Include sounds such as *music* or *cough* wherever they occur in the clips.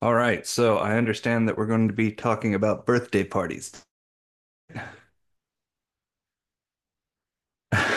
All right, so I understand that we're going to be talking about birthday parties.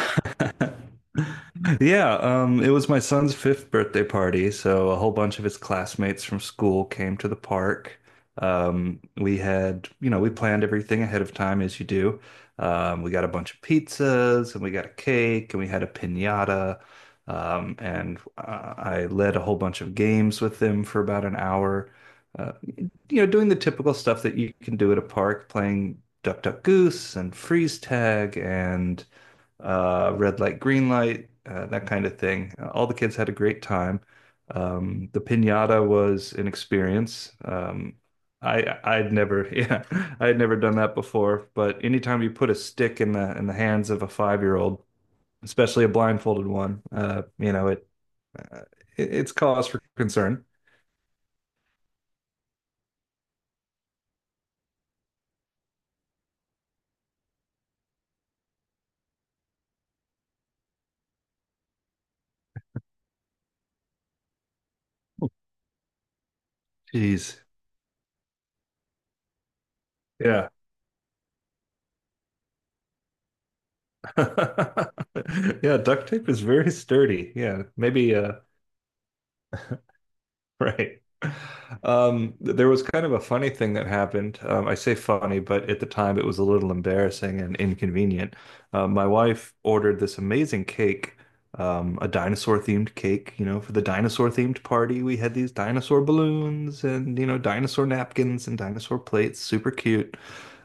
*laughs* Yeah, it was my son's fifth birthday party, so a whole bunch of his classmates from school came to the park. We had, we planned everything ahead of time, as you do. We got a bunch of pizzas, and we got a cake, and we had a piñata, and I led a whole bunch of games with them for about an hour. Doing the typical stuff that you can do at a park, playing Duck Duck Goose and freeze tag and red light, green light, that kind of thing. All the kids had a great time. The piñata was an experience. Um, I'd never *laughs* yeah I would never done that before, but anytime you put a stick in the hands of a five-year-old, especially a blindfolded one, you know it, uh, it's cause for concern. Jeez. Yeah. *laughs* Yeah, duct tape is very sturdy. Yeah, maybe *laughs* Right. There was kind of a funny thing that happened. I say funny, but at the time it was a little embarrassing and inconvenient. My wife ordered this amazing cake, a dinosaur themed cake, you know, for the dinosaur themed party. We had these dinosaur balloons and, you know, dinosaur napkins and dinosaur plates, super cute.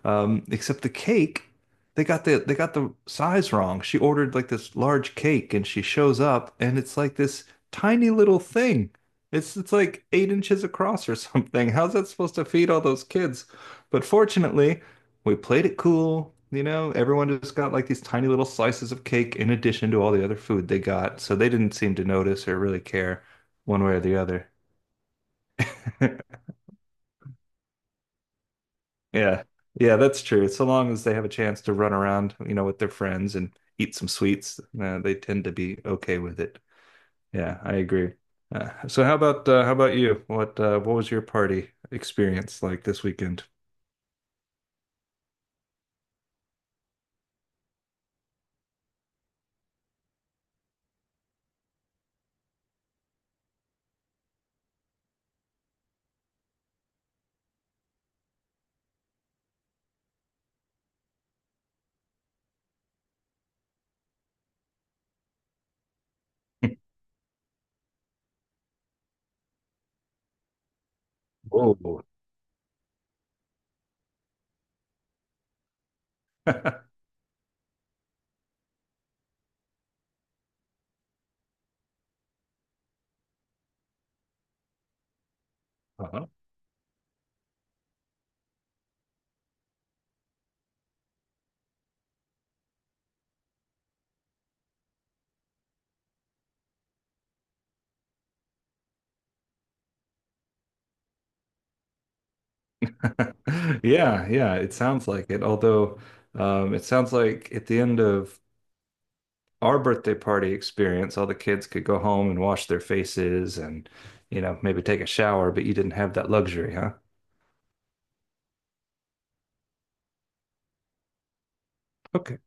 Except the cake, they got the size wrong. She ordered like this large cake, and she shows up, and it's like this tiny little thing. It's like eight inches across or *laughs* something. How's that supposed to feed all those kids? But fortunately, we played it cool. You know, everyone just got like these tiny little slices of cake in addition to all the other food they got, so they didn't seem to notice or really care one way or the other. *laughs* Yeah. Yeah, that's true. So long as they have a chance to run around, you know, with their friends and eat some sweets, they tend to be okay with it. Yeah, I agree. So how about you? What what was your party experience like this weekend? *laughs* Whoa. *laughs* Uh-huh. *laughs* Yeah, yeah, it sounds like it. Although, it sounds like at the end of our birthday party experience, all the kids could go home and wash their faces and, you know, maybe take a shower, but you didn't have that luxury, huh? Okay.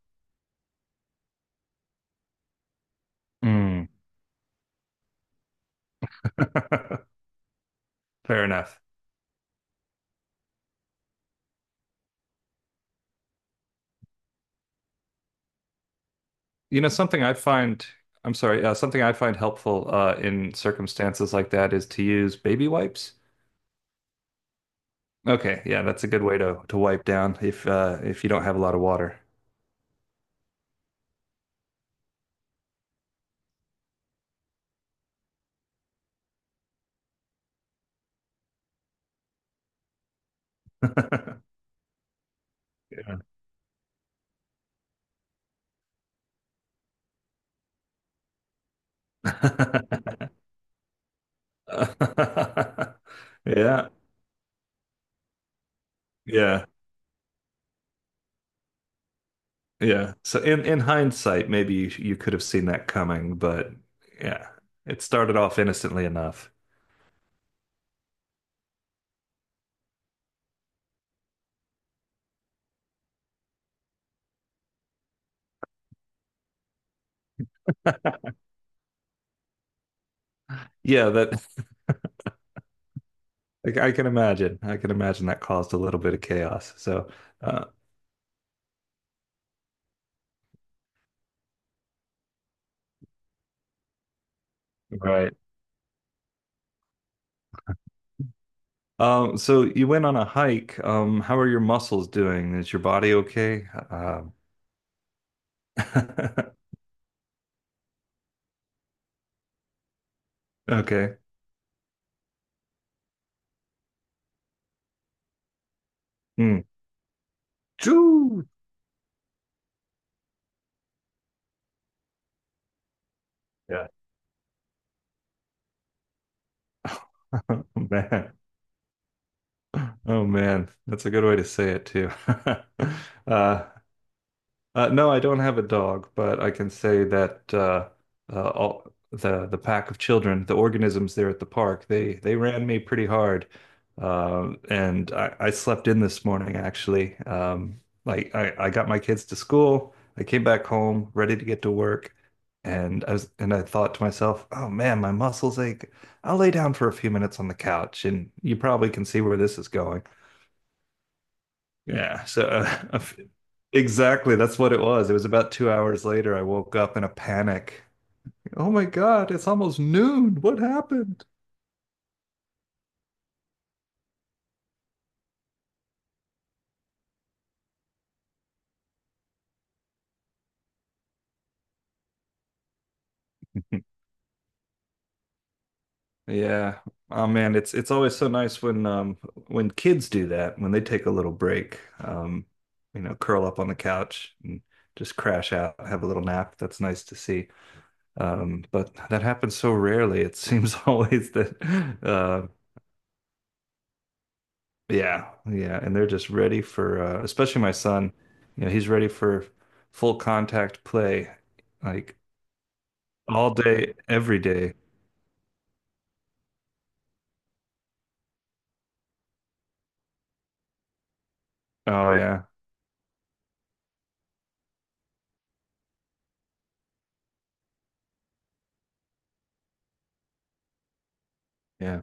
Mm. *laughs* Fair enough. You know, something I find, I'm sorry, something I find helpful in circumstances like that is to use baby wipes. Okay, yeah, that's a good way to wipe down if you don't have a lot of water. *laughs* Yeah. *laughs* Yeah, yeah, yeah. So in hindsight, you could have seen that coming, but yeah, it started off innocently enough. Yeah, that I can imagine. I can imagine that caused a little bit of chaos. Uh, Right. So you went on a hike. How are your muscles doing? Is your body okay? *laughs* Okay. Hmm. Choo! Yeah. *laughs* Oh man. Oh man. That's a good way to say it too. *laughs* Uh, no, I don't have a dog, but I can say that all the pack of children, the organisms there at the park, they ran me pretty hard, I slept in this morning actually. I got my kids to school, I came back home ready to get to work, and I thought to myself, oh man, my muscles ache. I'll lay down for a few minutes on the couch, and you probably can see where this is going. Yeah, so uh, *laughs* a f- exactly that's what it was. It was about two hours later. I woke up in a panic. Oh my God, it's almost noon. What happened? *laughs* Yeah. Oh man, it's always so nice when kids do that, when they take a little break, you know, curl up on the couch and just crash out, have a little nap. That's nice to see. But that happens so rarely. It seems *laughs* always that uh, Yeah, yeah, and they're just ready for, especially my son. You know, he's ready for full contact play like all day, every day. Oh yeah. Yeah.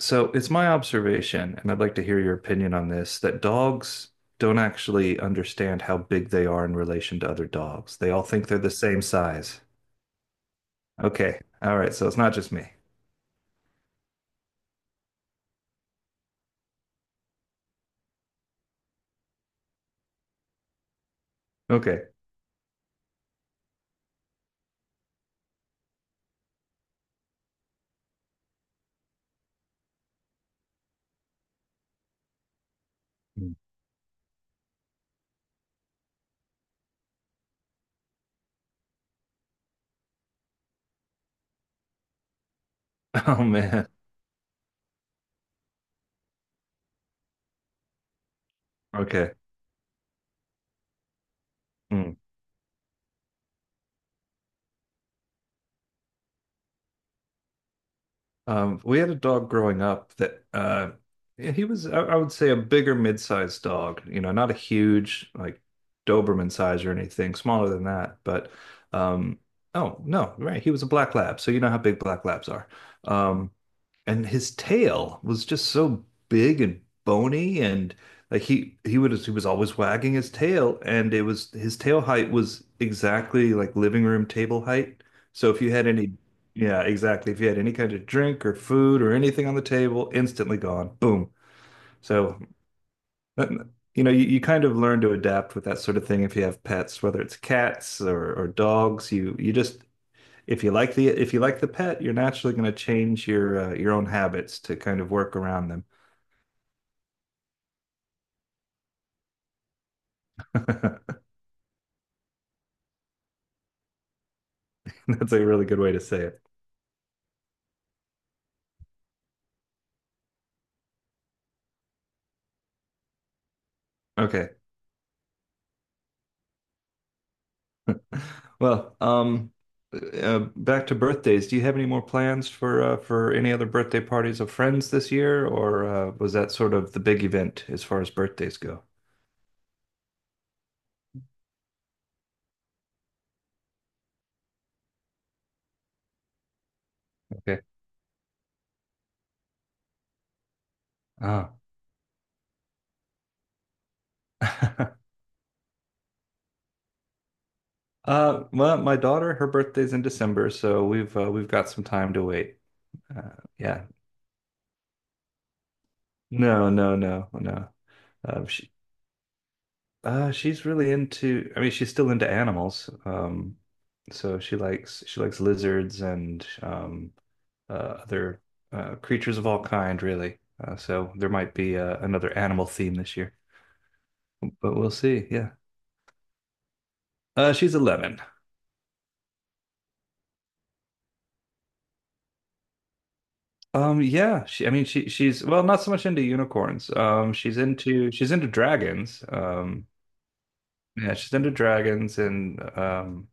So it's my observation, and I'd like to hear your opinion on this, that dogs don't actually understand how big they are in relation to other dogs. They all think they're the same size. Okay. All right, so it's not just me. Okay. Mm. *laughs* Oh man. Okay. Mm. We had a dog growing up that, yeah, I would say, a bigger mid-sized dog. You know, not a huge like Doberman size or anything, smaller than that. But um, oh no, right, he was a black lab, so you know how big black labs are. Um, and his tail was just so big and bony and like he was always wagging his tail and it was his tail height was exactly like living room table height. So if you had any yeah, exactly. If you had any kind of drink or food or anything on the table, instantly gone. Boom. So that- you know, you kind of learn to adapt with that sort of thing if you have pets, whether it's cats or dogs, you just if you like the pet, you're naturally going to change your own habits to kind of work around them. *laughs* That's a really good way to say it. Okay. Well, back to birthdays. Do you have any more plans for any other birthday parties of friends this year, or was that sort of the big event as far as birthdays go? Okay. Ah. *laughs* Well, my daughter, her birthday's in December, so we've got some time to wait. Uh, yeah. No, no, no, no. Sh she's really into, I mean, she's still into animals. So she likes lizards and other creatures of all kind, really. So there might be another animal theme this year, but we'll see. Yeah. She's 11. Yeah, she's, well, not so much into unicorns. She's into dragons. Yeah, she's into dragons and, um,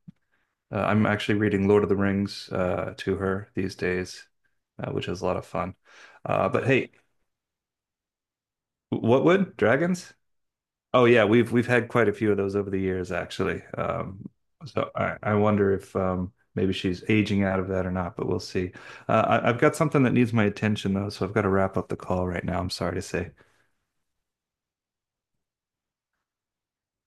Uh, I'm actually reading Lord of the Rings to her these days, which is a lot of fun. But hey, what would dragons? Oh yeah, we've had quite a few of those over the years, actually. So I wonder if maybe she's aging out of that or not, but we'll see. Uh, I've got something that needs my attention though, so I've got to wrap up the call right now. I'm sorry to say.